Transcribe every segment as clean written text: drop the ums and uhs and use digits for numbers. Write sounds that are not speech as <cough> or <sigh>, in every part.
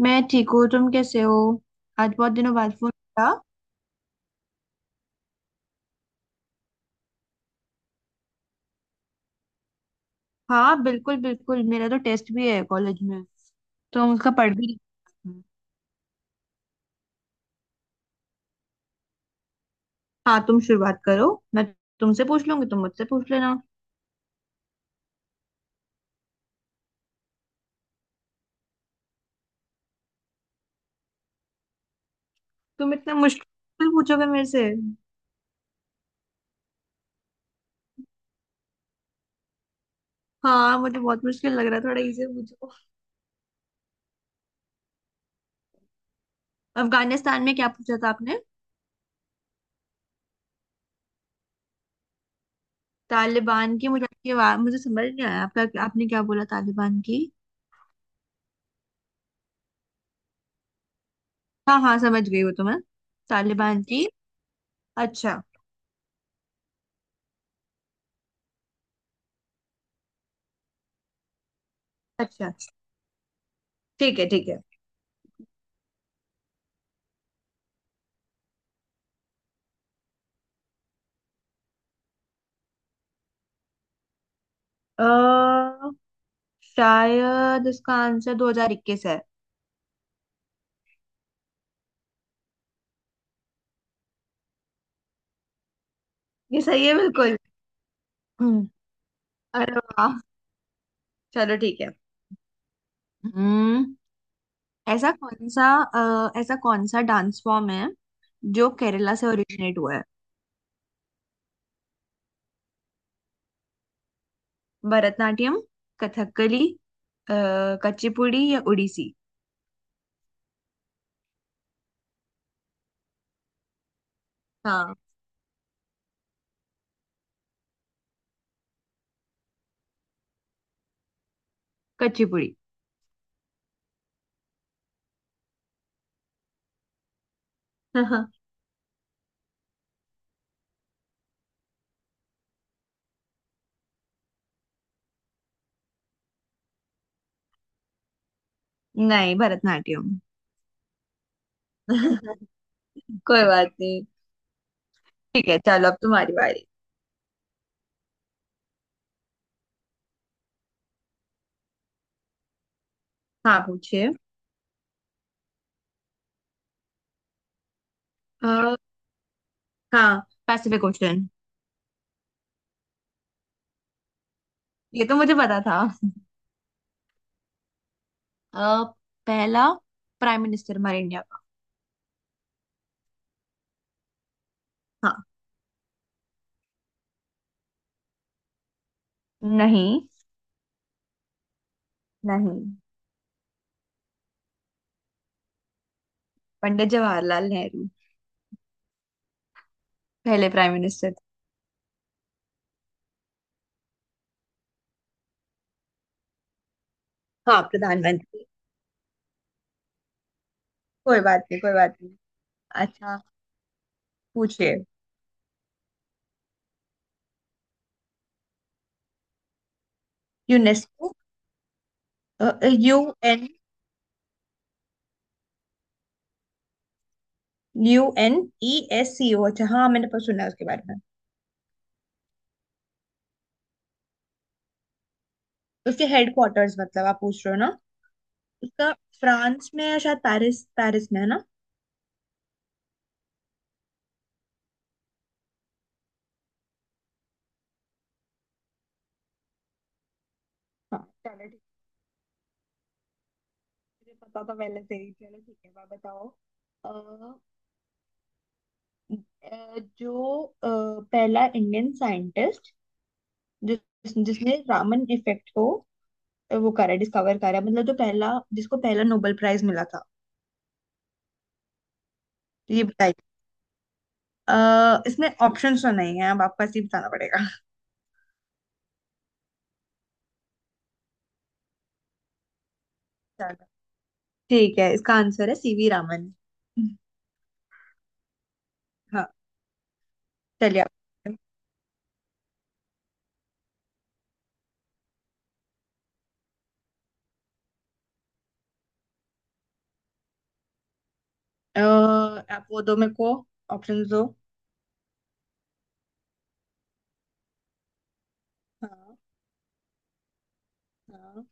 मैं ठीक हूँ। तुम कैसे हो? आज बहुत दिनों बाद फोन किया। हाँ, बिल्कुल बिल्कुल, मेरा तो टेस्ट भी है कॉलेज में, तो हम उसका पढ़ भी रही थी। हाँ, तुम शुरुआत करो। मैं तुमसे पूछ लूंगी, तुम मुझसे पूछ लेना। तुम इतना मुश्किल पूछोगे मेरे से? हाँ, मुझे बहुत मुश्किल लग रहा है, थोड़ा इजी पूछो। अफगानिस्तान में क्या पूछा था आपने? तालिबान की मुझे आपकी आवाज मुझे समझ नहीं आया आपका, आपने क्या बोला? तालिबान की? हाँ हाँ, समझ गई, वो तो मैं, तालिबान की, अच्छा। अच्छा, ठीक है ठीक है। अ, शायद इसका आंसर 2021 है। ये सही है बिल्कुल। हम्म। अरे वाह, चलो ठीक है। हम्म, ऐसा कौन सा, ऐसा कौन सा डांस फॉर्म है जो केरला से ओरिजिनेट हुआ है? भरतनाट्यम, कथकली, अ, कुचिपुड़ी या उड़ीसी? हाँ, कुचिपुड़ी। <laughs> नहीं, भरतनाट्यम। <laughs> कोई बात नहीं। ठीक है, चलो अब तुम्हारी बारी। हाँ पूछिए। अ, हाँ, पैसिफिक ओशन। ये तो मुझे पता था। अ, पहला प्राइम मिनिस्टर हमारे इंडिया का। हाँ। नहीं। नहीं। पंडित जवाहरलाल नेहरू पहले प्राइम मिनिस्टर थे। हाँ, प्रधानमंत्री। कोई बात नहीं, कोई बात नहीं। अच्छा, पूछिए। UNESCO. U N. U N E S C O. अच्छा हाँ, मैंने पर सुना है उसके बारे में। उसके हेडक्वार्टर्स मतलब आप पूछ रहे हो ना? उसका फ्रांस में या शायद पेरिस, पेरिस में है ना? हाँ, चलो ठीक है, मुझे पता तो पहले से ही। चलो ठीक है, आप बताओ। अ, जो अ, पहला इंडियन साइंटिस्ट जिसने रामन इफेक्ट को, वो करा, डिस्कवर करा, मतलब जो पहला, जिसको पहला नोबेल प्राइज मिला था। तो ये बताइए, इसमें ऑप्शंस तो नहीं है, अब आपको ऐसे ही बताना पड़ेगा। चलो ठीक है, इसका आंसर है सीवी रामन। हाँ। चलिए आप। अ, आप वो दो मेरे को, ऑप्शंस दो। हाँ। हाँ,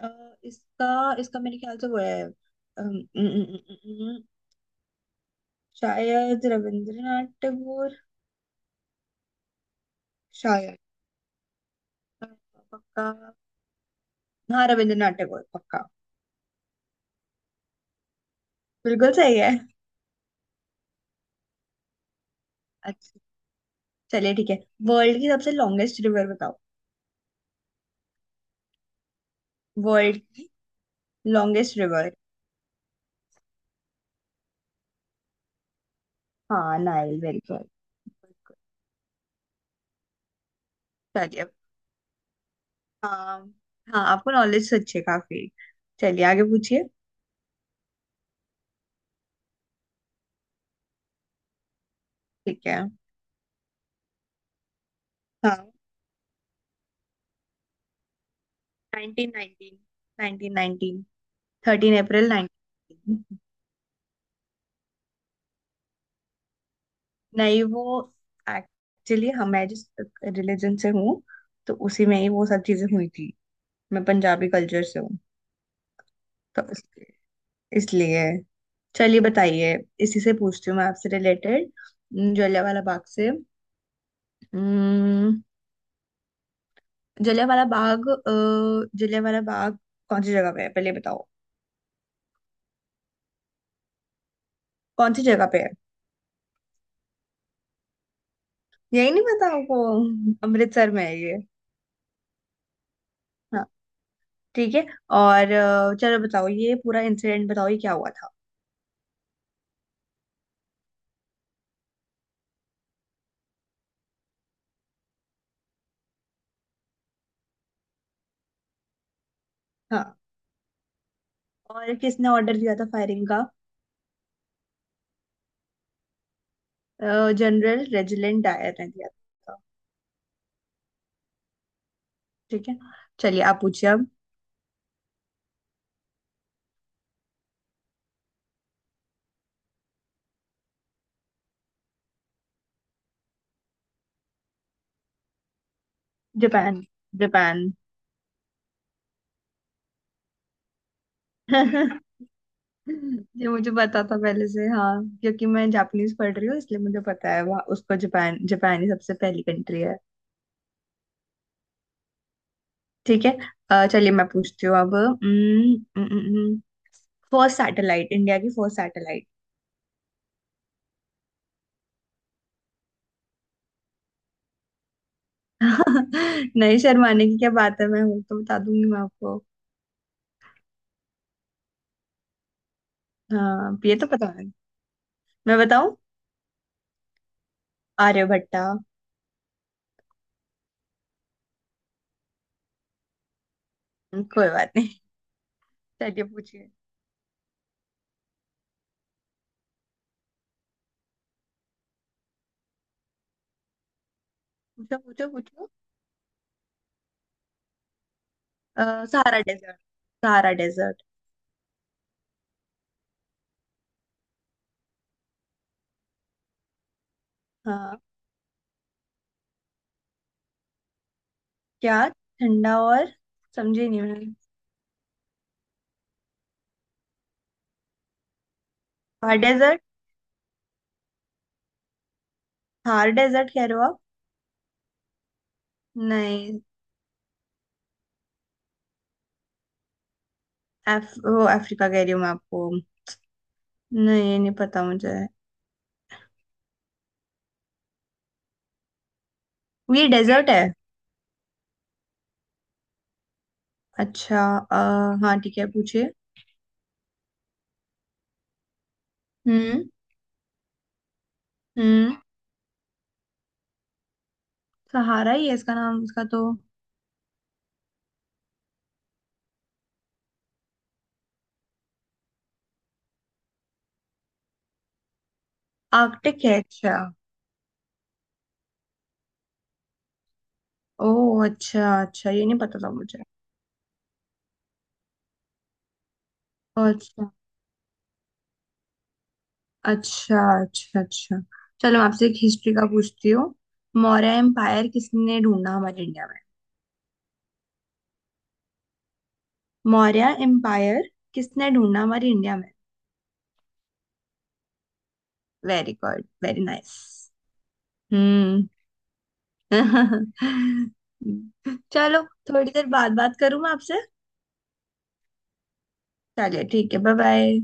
अ, इसका इसका मेरे ख्याल से वो है, अम, अम, अम, अम, अम, शायद रविंद्रनाथ टैगोर। शायद, अ, पक्का। हाँ, रविंद्रनाथ टैगोर पक्का। बिल्कुल सही है। अच्छा, चलिए ठीक है। वर्ल्ड की सबसे लॉन्गेस्ट रिवर बताओ। World longest river. हाँ, नाइल। Very good. चलिए। हाँ। हाँ, आपको नॉलेज अच्छी है काफी। चलिए आगे पूछिए। ठीक है। हाँ, nineteen nineteen nineteen nineteen. Thirteen April nineteen. नहीं, वो एक्चुअली हम मैं जिस रिलीजन से हूँ तो उसी में ही वो सब चीजें हुई थी। मैं पंजाबी कल्चर से हूँ, तो इसलिए। चलिए बताइए। इसी से पूछती हूँ मैं आपसे रिलेटेड, जलियांवाला बाग से। अम्म, जलियांवाला बाग अ, जलियांवाला बाग कौन सी जगह पे है, पहले बताओ। कौन सी जगह पे है? यही नहीं पता आपको? अमृतसर में है ये। हाँ, ठीक है। और चलो बताओ, ये पूरा इंसिडेंट बताओ, ये क्या हुआ था? हाँ। और किसने ऑर्डर दिया था फायरिंग का? जनरल रेजिडेंट डायर ने दिया था। ठीक है, चलिए आप पूछिए। जापान। जापान। <laughs> ये मुझे पता था पहले से, हाँ, क्योंकि मैं जापानीज पढ़ रही हूँ इसलिए मुझे पता है, वहाँ उसको, जापान, जापान ही सबसे पहली कंट्री है। ठीक है, चलिए मैं पूछती हूँ अब, फर्स्ट सैटेलाइट, इंडिया की फर्स्ट सैटेलाइट। <laughs> नहीं, शर्माने की क्या बात है, मैं हूँ तो बता दूंगी मैं आपको। हाँ, ये तो पता है। मैं बताऊँ? आर्यभट्टा। कोई बात नहीं, चलिए पूछिए। पूछो पूछो पूछो। सहारा डेजर्ट, सहारा डेजर्ट। हाँ क्या? ठंडा और, समझी नहीं मैं। थार डेजर्ट? थार डेजर्ट कह रहे हो आप? नहीं, वो अफ्रीका कह रही हूँ मैं आपको। नहीं, ये नहीं पता मुझे। ये डेजर्ट है? अच्छा, हाँ ठीक है पूछिए। हम्म। हम्म। सहारा ही है इसका नाम, इसका तो। आर्कटिक है? अच्छा। ओ, अच्छा अच्छा, ये नहीं पता था मुझे। अच्छा अच्छा, अच्छा अच्छा। चलो मैं आपसे एक हिस्ट्री का पूछती हूँ। मौर्य एम्पायर किसने ढूंढा हमारे इंडिया में? मौर्य एम्पायर किसने ढूंढा हमारी इंडिया में? Very good, very nice. हम्म। <laughs> चलो, थोड़ी देर बाद बात करूँ मैं आपसे। चलिए ठीक है, बाय बाय।